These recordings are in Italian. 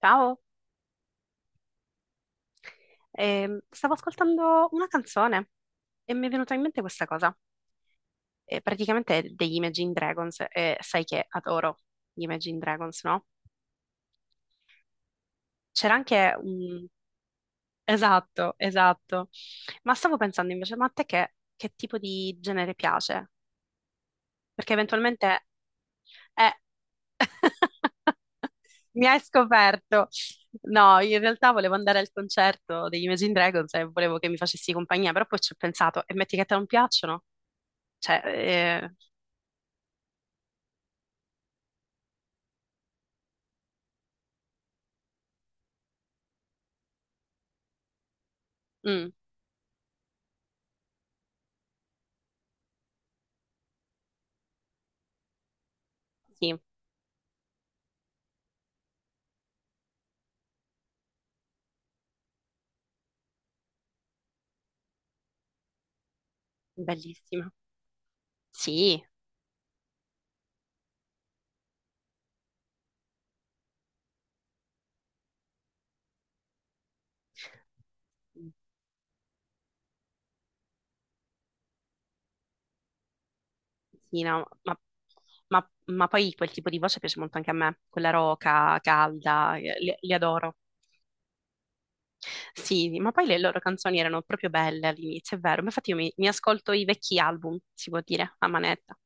Ciao, stavo ascoltando una canzone e mi è venuta in mente questa cosa. Praticamente è degli Imagine Dragons, e sai che adoro gli Imagine Dragons, no? C'era anche un... Esatto, esatto. Ma stavo pensando invece, ma a te che tipo di genere piace? Perché eventualmente... Eh... Mi hai scoperto. No, in realtà volevo andare al concerto degli Imagine Dragons e volevo che mi facessi compagnia, però poi ci ho pensato, e metti che a te non piacciono? Cioè, mm, sì, bellissima. Sì, sì, no, ma, ma poi quel tipo di voce piace molto anche a me, quella roca, calda, li adoro. Sì, ma poi le loro canzoni erano proprio belle all'inizio, è vero. Ma infatti io mi ascolto i vecchi album, si può dire, a manetta.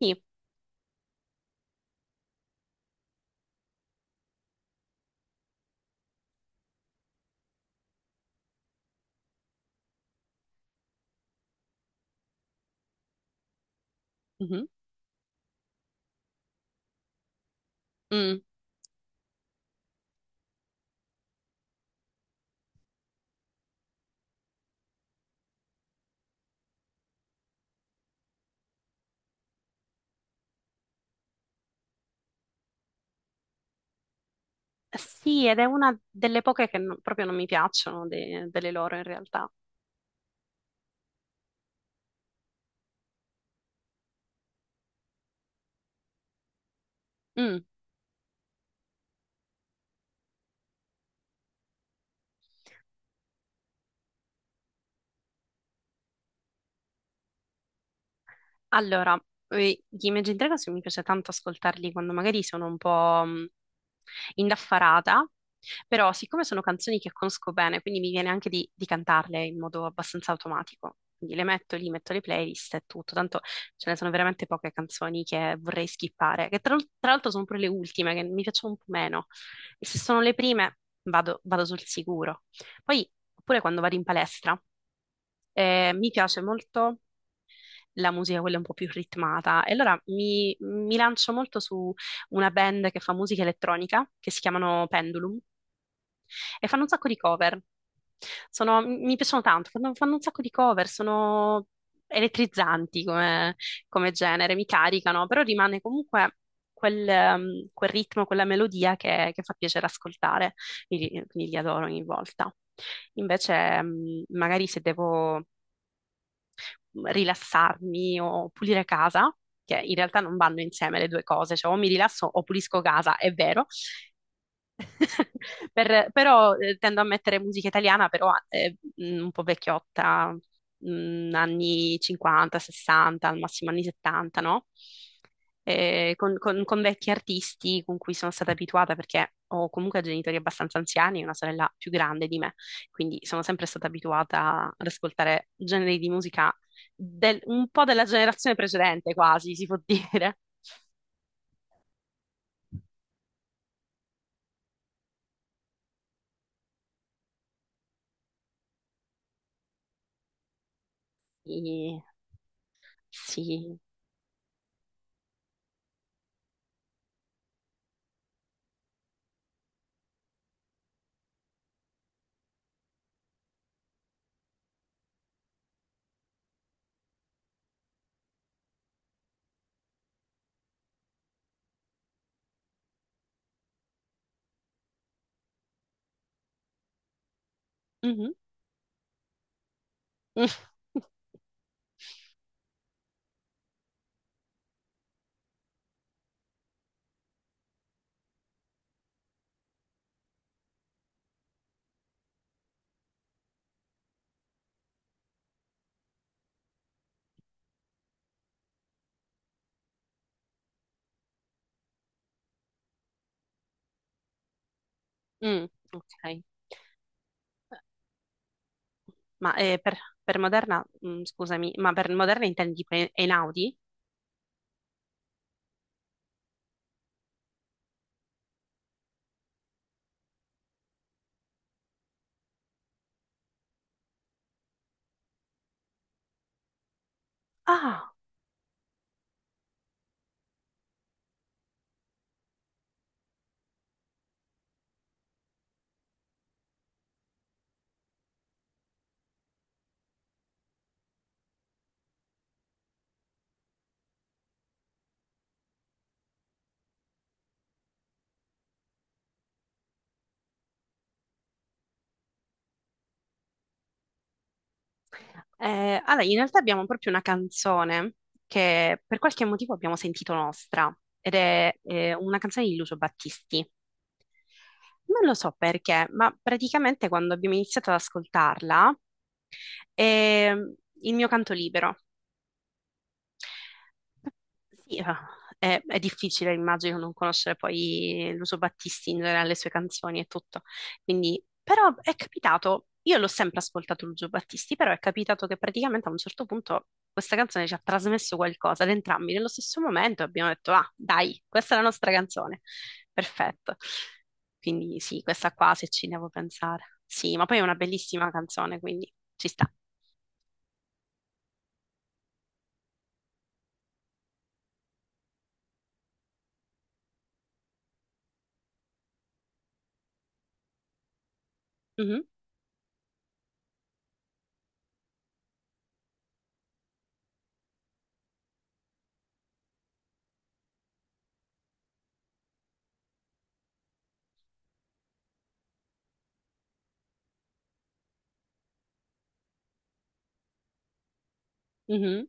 Sì, mhm, mm. Sì, ed è una delle poche che non- proprio non mi piacciono de- delle loro in realtà. Mm. Allora, gli Imagine Dragons mi piace tanto ascoltarli quando magari sono un po' indaffarata, però siccome sono canzoni che conosco bene, quindi mi viene anche di cantarle in modo abbastanza automatico. Quindi le metto lì, metto le playlist e tutto. Tanto ce ne sono veramente poche canzoni che vorrei skippare, che tra l'altro sono pure le ultime, che mi piacciono un po' meno. E se sono le prime, vado sul sicuro. Poi, oppure quando vado in palestra, mi piace molto la musica quella un po' più ritmata. E allora mi lancio molto su una band che fa musica elettronica, che si chiamano Pendulum, e fanno un sacco di cover. Sono- mi piacciono tanto, fanno un sacco di cover, sono elettrizzanti come, come genere, mi caricano, però rimane comunque quel, quel ritmo, quella melodia che fa piacere ascoltare, quindi li adoro ogni volta. Invece, magari se devo rilassarmi o pulire casa, che in realtà non vanno insieme le due cose, cioè o mi rilasso o pulisco casa, è vero, Per- però tendo a mettere musica italiana, però un po' vecchiotta, anni 50, 60, al massimo anni 70, no? Con, con vecchi artisti con cui sono stata abituata perché ho comunque genitori abbastanza anziani e una sorella più grande di me, quindi sono sempre stata abituata ad ascoltare generi di musica del- un po' della generazione precedente, quasi, si può dire. Sì, sì. Mhm. Mm, ok, ma per Moderna, mm, scusami, ma per Moderna intendi per Einaudi? Ah, allora in realtà abbiamo proprio una canzone che per qualche motivo abbiamo sentito nostra ed è una canzone di Lucio Battisti. Non lo so perché, ma praticamente quando abbiamo iniziato ad ascoltarla è il mio canto libero. Sì, ah, è difficile, immagino, non conoscere poi Lucio Battisti in generale, le sue canzoni e tutto. Quindi, però è capitato, io l'ho sempre ascoltato Lucio Battisti, però è capitato che praticamente a un certo punto questa canzone ci ha trasmesso qualcosa ad entrambi nello stesso momento e abbiamo detto, ah, dai, questa è la nostra canzone. Perfetto. Quindi sì, questa qua se ci devo pensare. Sì, ma poi è una bellissima canzone, quindi ci sta. Mhm, mhm.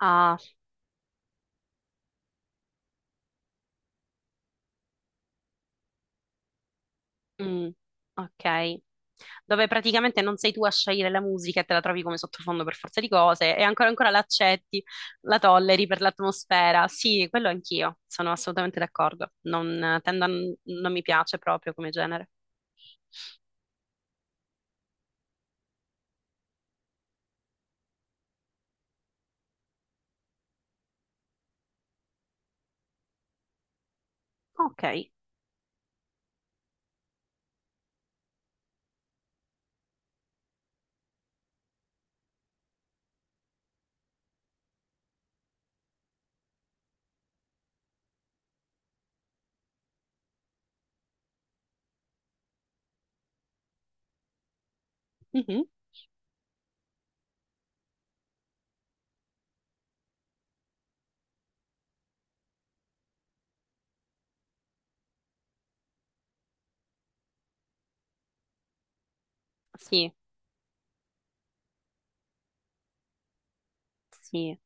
Ah, mm, ok. Dove praticamente non sei tu a scegliere la musica e te la trovi come sottofondo per forza di cose, e ancora ancora la accetti, la tolleri per l'atmosfera. Sì, quello anch'io, sono assolutamente d'accordo. Non, tendo a n- non mi piace proprio come genere. Ok. Mhm. Sì, sì.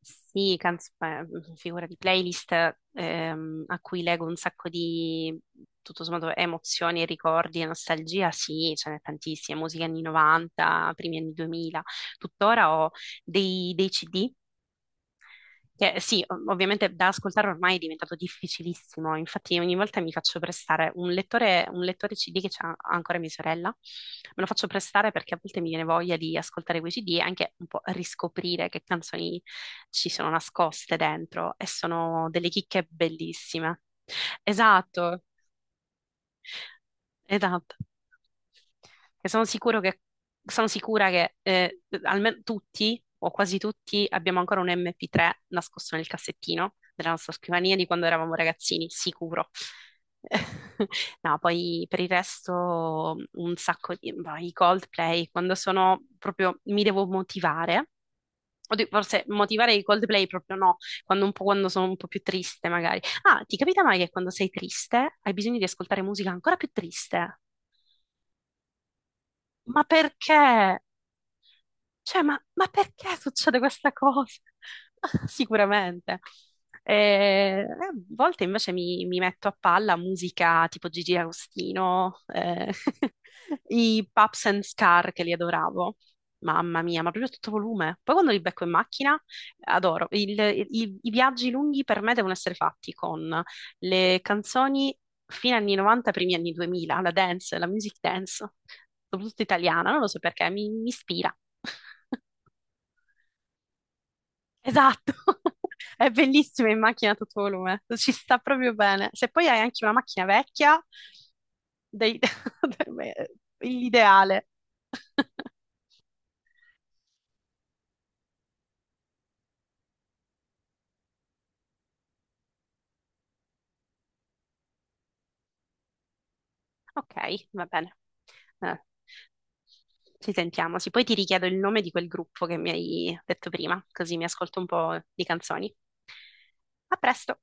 Sì, canz- figura di playlist a cui leggo un sacco di, tutto sommato, emozioni, ricordi e nostalgia, sì, ce n'è tantissime, musica anni 90, primi anni 2000. Tuttora ho dei CD che sì, ov- ovviamente da ascoltare ormai è diventato difficilissimo, infatti ogni volta mi faccio prestare un lettore CD che c'ha ancora mia sorella, me lo faccio prestare perché a volte mi viene voglia di ascoltare quei CD e anche un po' riscoprire che canzoni ci sono nascoste dentro e sono delle chicche bellissime. Esatto. Esatto. E sono sicuro che, sono sicura che almeno tutti o quasi tutti abbiamo ancora un MP3 nascosto nel cassettino della nostra scrivania di quando eravamo ragazzini, sicuro. No, poi per il resto un sacco di... boh, i Coldplay, quando sono proprio... mi devo motivare. Oddio, forse motivare i Coldplay proprio no, quando un po', quando sono un po' più triste magari, ah, ti capita mai che quando sei triste hai bisogno di ascoltare musica ancora più triste? Ma perché? Cioè, ma perché succede questa cosa? Sicuramente. A volte invece mi, mi metto a palla musica tipo Gigi Agostino, i Pups and Scar che li adoravo. Mamma mia, ma proprio a tutto volume. Poi quando li becco in macchina, adoro. Il- i viaggi lunghi per me devono essere fatti con le canzoni fine anni 90, primi anni 2000, la dance, la music dance, soprattutto italiana, non lo so perché, mi ispira. Esatto, è bellissima in macchina a tutto volume, ci sta proprio bene. Se poi hai anche una macchina vecchia, dei- per me è l'ideale. Ok, va bene. Eh, ci sentiamo. Sì, poi ti richiedo il nome di quel gruppo che mi hai detto prima, così mi ascolto un po' di canzoni. A presto,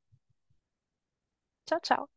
ciao ciao.